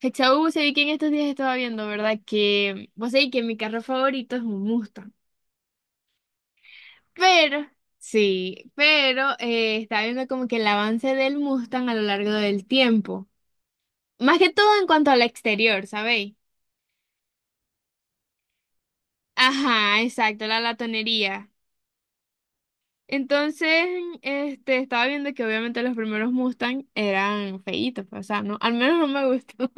Hechau, se vi que en estos días estaba viendo, ¿verdad? Que vos sabés que mi carro favorito es un Mustang. Pero, sí, pero estaba viendo como que el avance del Mustang a lo largo del tiempo. Más que todo en cuanto al exterior, ¿sabéis? Ajá, exacto, la latonería. Entonces, estaba viendo que obviamente los primeros Mustang eran feitos, pues, o sea, no, al menos no me gustó.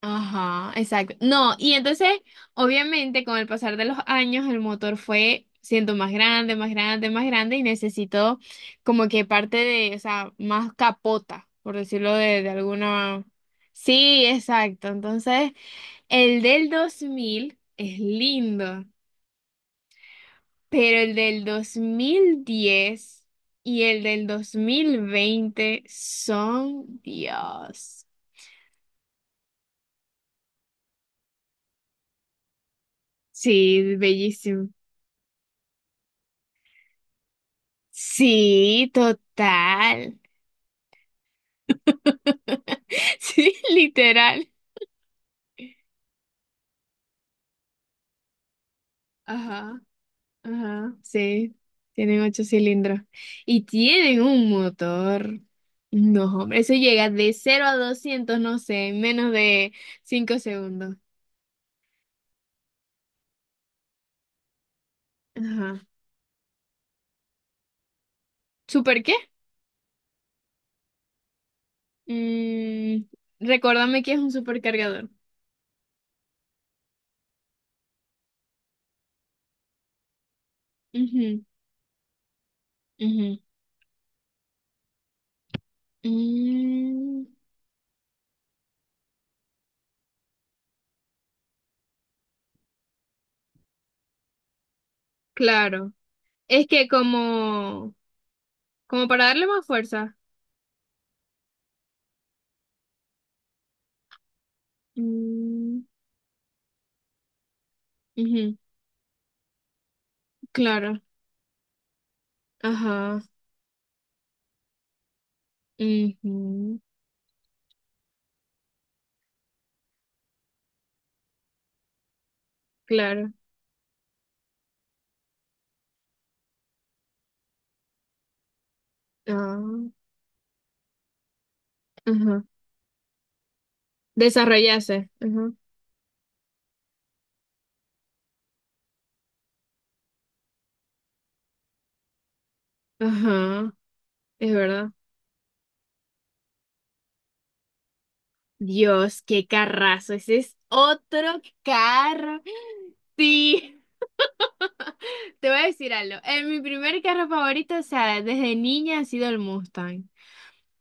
Ajá, exacto. No, y entonces, obviamente, con el pasar de los años, el motor fue siendo más grande, más grande, más grande y necesitó como que parte de, o sea, más capota, por decirlo de alguna... Sí, exacto. Entonces, el del 2000 es lindo, pero el del 2010 y el del 2020 son, Dios. Sí, bellísimo. Sí, total. Sí, literal. Ajá, ajá, sí. Tienen ocho cilindros. Y tienen un motor. No, hombre, eso llega de 0 a 200 no sé, en menos de 5 segundos. Ajá. ¿Super qué? Mm, Recuérdame que es un supercargador. Ujú, ujú. Mm, claro. Es que como para darle más fuerza. Mm, ujú. Claro, ajá, ujú, claro, ah, ajá, desarrollarse, ajá, ajá, es verdad. Dios, qué carrazo, ese es otro carro. Sí, te voy a decir algo. En mi primer carro favorito, o sea, desde niña ha sido el Mustang.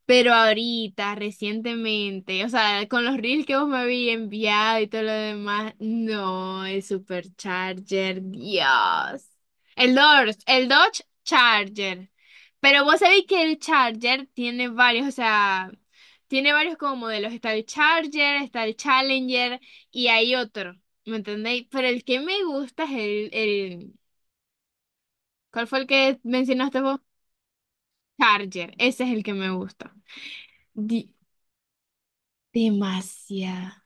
Pero ahorita, recientemente, o sea, con los reels que vos me habías enviado y todo lo demás, no, el Supercharger, Dios. El Dodge Charger. Pero vos sabéis que el Charger tiene varios, o sea, tiene varios como modelos. Está el Charger, está el Challenger y hay otro, ¿me entendéis? Pero el que me gusta es ¿cuál fue el que mencionaste vos? Charger, ese es el que me gusta. Di- Demasiado.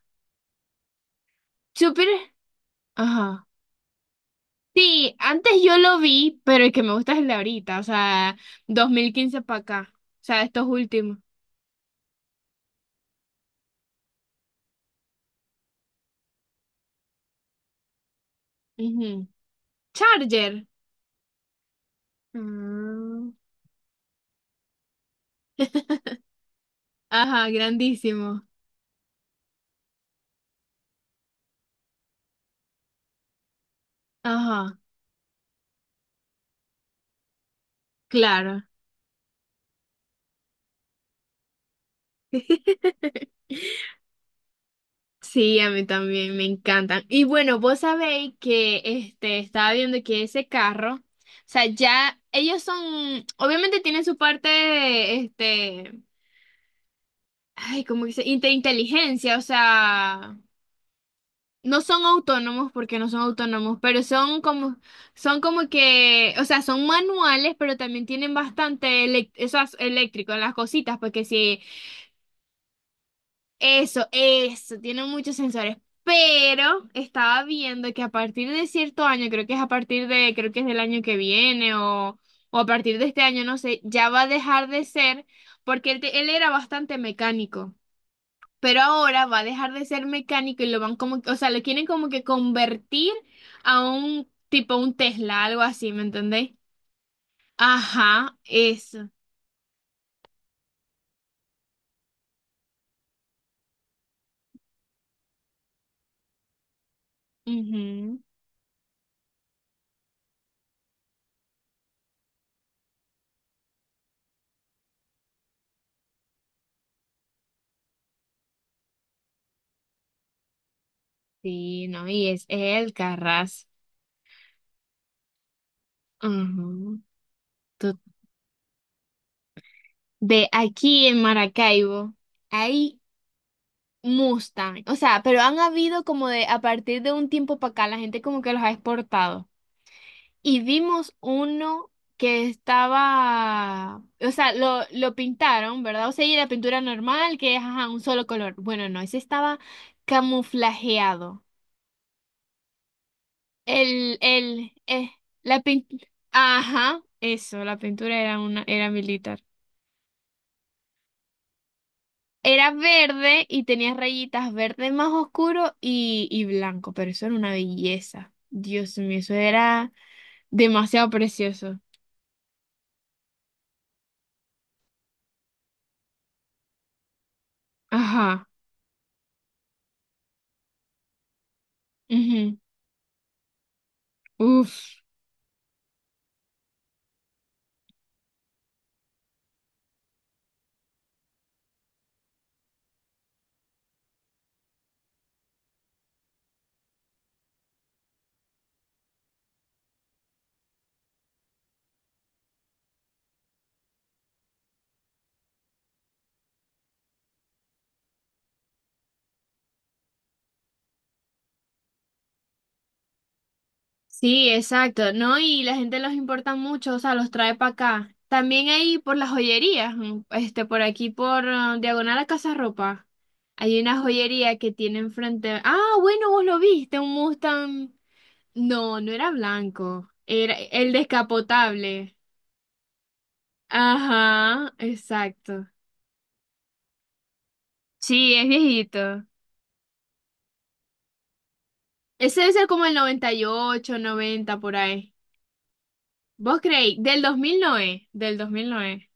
Supieras- Ajá. Sí, antes yo lo vi, pero el que me gusta es el de ahorita, o sea, 2015 para acá, o sea, estos últimos. Ujú. Charger. Mm. Ajá, grandísimo. Ajá, claro. Sí, a mí también me encantan. Y bueno, vos sabéis que estaba viendo que ese carro, o sea, ya ellos son, obviamente tienen su parte, ay, como dice, inteligencia, o sea, no son autónomos porque no son autónomos, pero son como que, o sea, son manuales, pero también tienen bastante eso es eléctrico en las cositas, porque sí, eso, tienen muchos sensores. Pero estaba viendo que a partir de cierto año, creo que es a partir de, creo que es del año que viene o a partir de este año, no sé, ya va a dejar de ser, porque él era bastante mecánico. Pero ahora va a dejar de ser mecánico y lo van como, o sea, lo quieren como que convertir a un tipo un Tesla, algo así, ¿me entendéis? Ajá, eso. Ujú. Sí, no, y es el Carras. Ujú. To- De aquí en Maracaibo hay Mustang, o sea, pero han habido como de a partir de un tiempo para acá, la gente como que los ha exportado. Y vimos uno que estaba, o sea, lo pintaron, ¿verdad? O sea, y la pintura normal, que es ajá, un solo color. Bueno, no, ese estaba camuflajeado. El, el, eh, la pintura, ajá, eso, la pintura era militar. Era verde y tenía rayitas verde más oscuro y blanco, pero eso era una belleza. Dios mío, eso era demasiado precioso. Ajá. Ujú. Uf. Sí, exacto, ¿no? Y la gente los importa mucho, o sea, los trae para acá. También ahí por las joyerías, por aquí por Diagonal a Casa Ropa. Hay una joyería que tiene enfrente. Ah, bueno, vos lo viste, un Mustang. No, no era blanco, era el descapotable. Ajá, exacto. Sí, es viejito. Ese debe ser como el 98, 90 por ahí. ¿Vos creéis? Del 2009.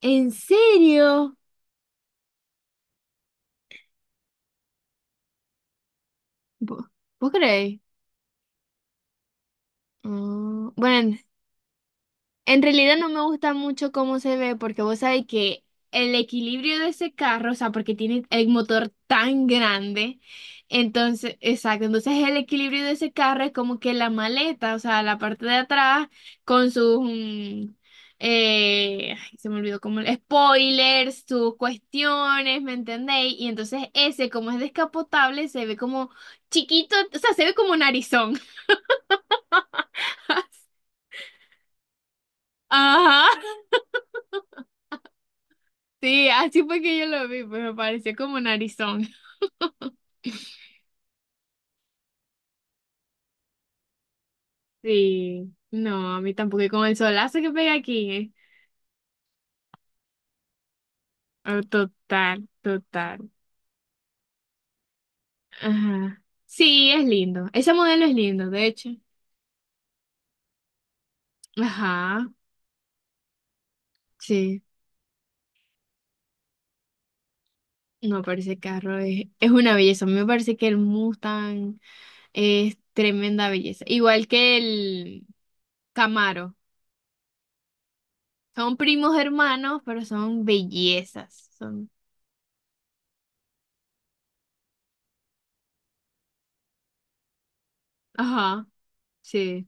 ¿En serio? Vo- ¿Vos creéis? Mm, bueno, en realidad no me gusta mucho cómo se ve porque vos sabés que el equilibrio de ese carro, o sea, porque tiene el motor tan grande, entonces, exacto, entonces el equilibrio de ese carro es como que la maleta, o sea, la parte de atrás con sus, ay, se me olvidó como spoilers, sus cuestiones, ¿me entendéis? Y entonces ese, como es descapotable, se ve como chiquito, o sea, se ve como narizón. Ajá. Sí, así fue que yo lo vi, pues me pareció como narizón. Sí, no, a mí tampoco, y con el solazo que pega aquí, ¿eh? Oh, total, total. Ajá. Sí, es lindo. Ese modelo es lindo, de hecho. Ajá, sí. No, pero ese carro es una belleza. A mí me parece que el Mustang es tremenda belleza. Igual que el Camaro. Son primos hermanos, pero son bellezas. Son... Ajá, sí.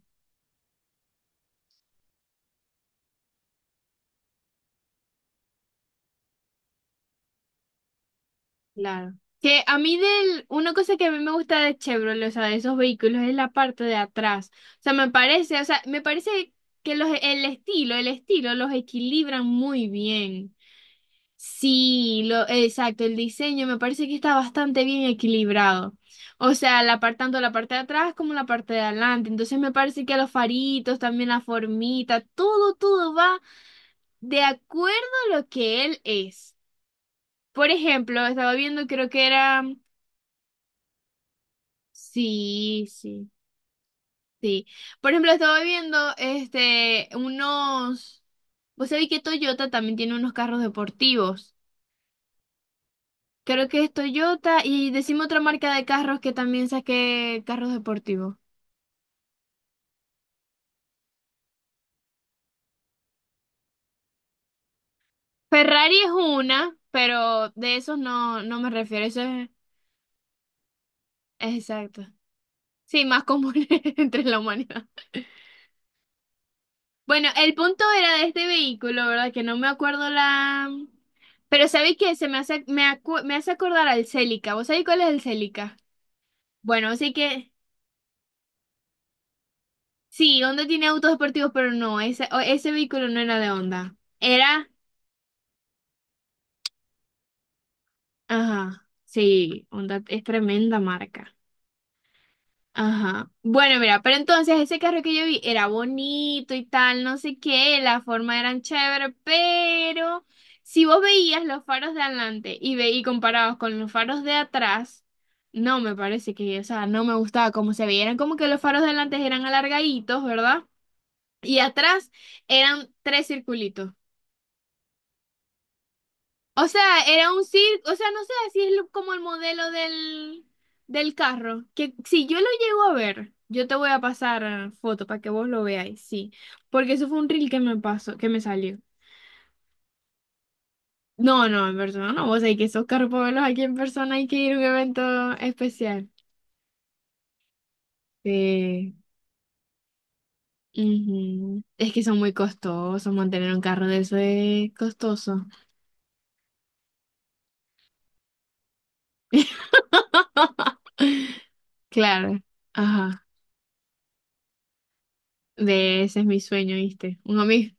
Claro. Que a mí una cosa que a mí me gusta de Chevrolet, o sea, de esos vehículos, es la parte de atrás. O sea, me parece, o sea, me parece que el estilo los equilibran muy bien. Sí, exacto, el diseño me parece que está bastante bien equilibrado. O sea, tanto la parte de atrás como la parte de adelante. Entonces me parece que los faritos, también la formita, todo va de acuerdo a lo que él es. Por ejemplo, estaba viendo, creo que era. Sí, sí, sí. Por ejemplo, estaba viendo unos. Vos sabés que Toyota también tiene unos carros deportivos. Creo que es Toyota y decimos otra marca de carros que también saque carros deportivos. Ferrari es una, pero de esos no me refiero. Eso es exacto. Sí, más común entre la humanidad. Bueno, el punto era de este vehículo, ¿verdad? Que no me acuerdo la... Pero ¿sabéis qué? Se me hace, me hace acordar al Celica. ¿Vos sabéis cuál es el Celica? Bueno, así que sí, Honda tiene autos deportivos, pero no, ese vehículo no era de Honda. Era... Ajá, sí, Honda es tremenda marca. Ajá. Bueno, mira, pero entonces ese carro que yo vi era bonito y tal, no sé qué, la forma eran chévere, pero si vos veías los faros de adelante y comparados con los faros de atrás, no me parece que, o sea, no me gustaba cómo se veían, como que los faros de adelante eran alargaditos, ¿verdad? Y atrás eran tres circulitos. O sea, era un circo, o sea, no sé si es como el modelo del carro, que si yo lo llego a ver, yo te voy a pasar foto para que vos lo veáis, sí, porque eso fue un reel que me pasó, que me salió. No, no, en persona no, vos sabés que esos carros para verlos aquí en persona hay que ir a un evento especial. Sí. Ujú. Es que son muy costosos, mantener un carro de eso es costoso. Claro, ajá, de ese es mi sueño, ¿viste? Un amigo.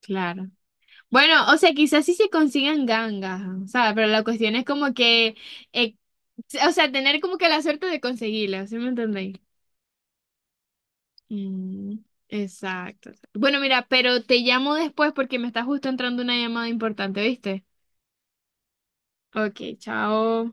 Claro. Bueno, o sea, quizás sí se consigan gangas, o sea, pero la cuestión es como que, eh, o sea, tener como que la suerte de conseguirlas, ¿sí me entendéis? Mm, exacto. Bueno, mira, pero te llamo después porque me está justo entrando una llamada importante, ¿viste? Ok, chao.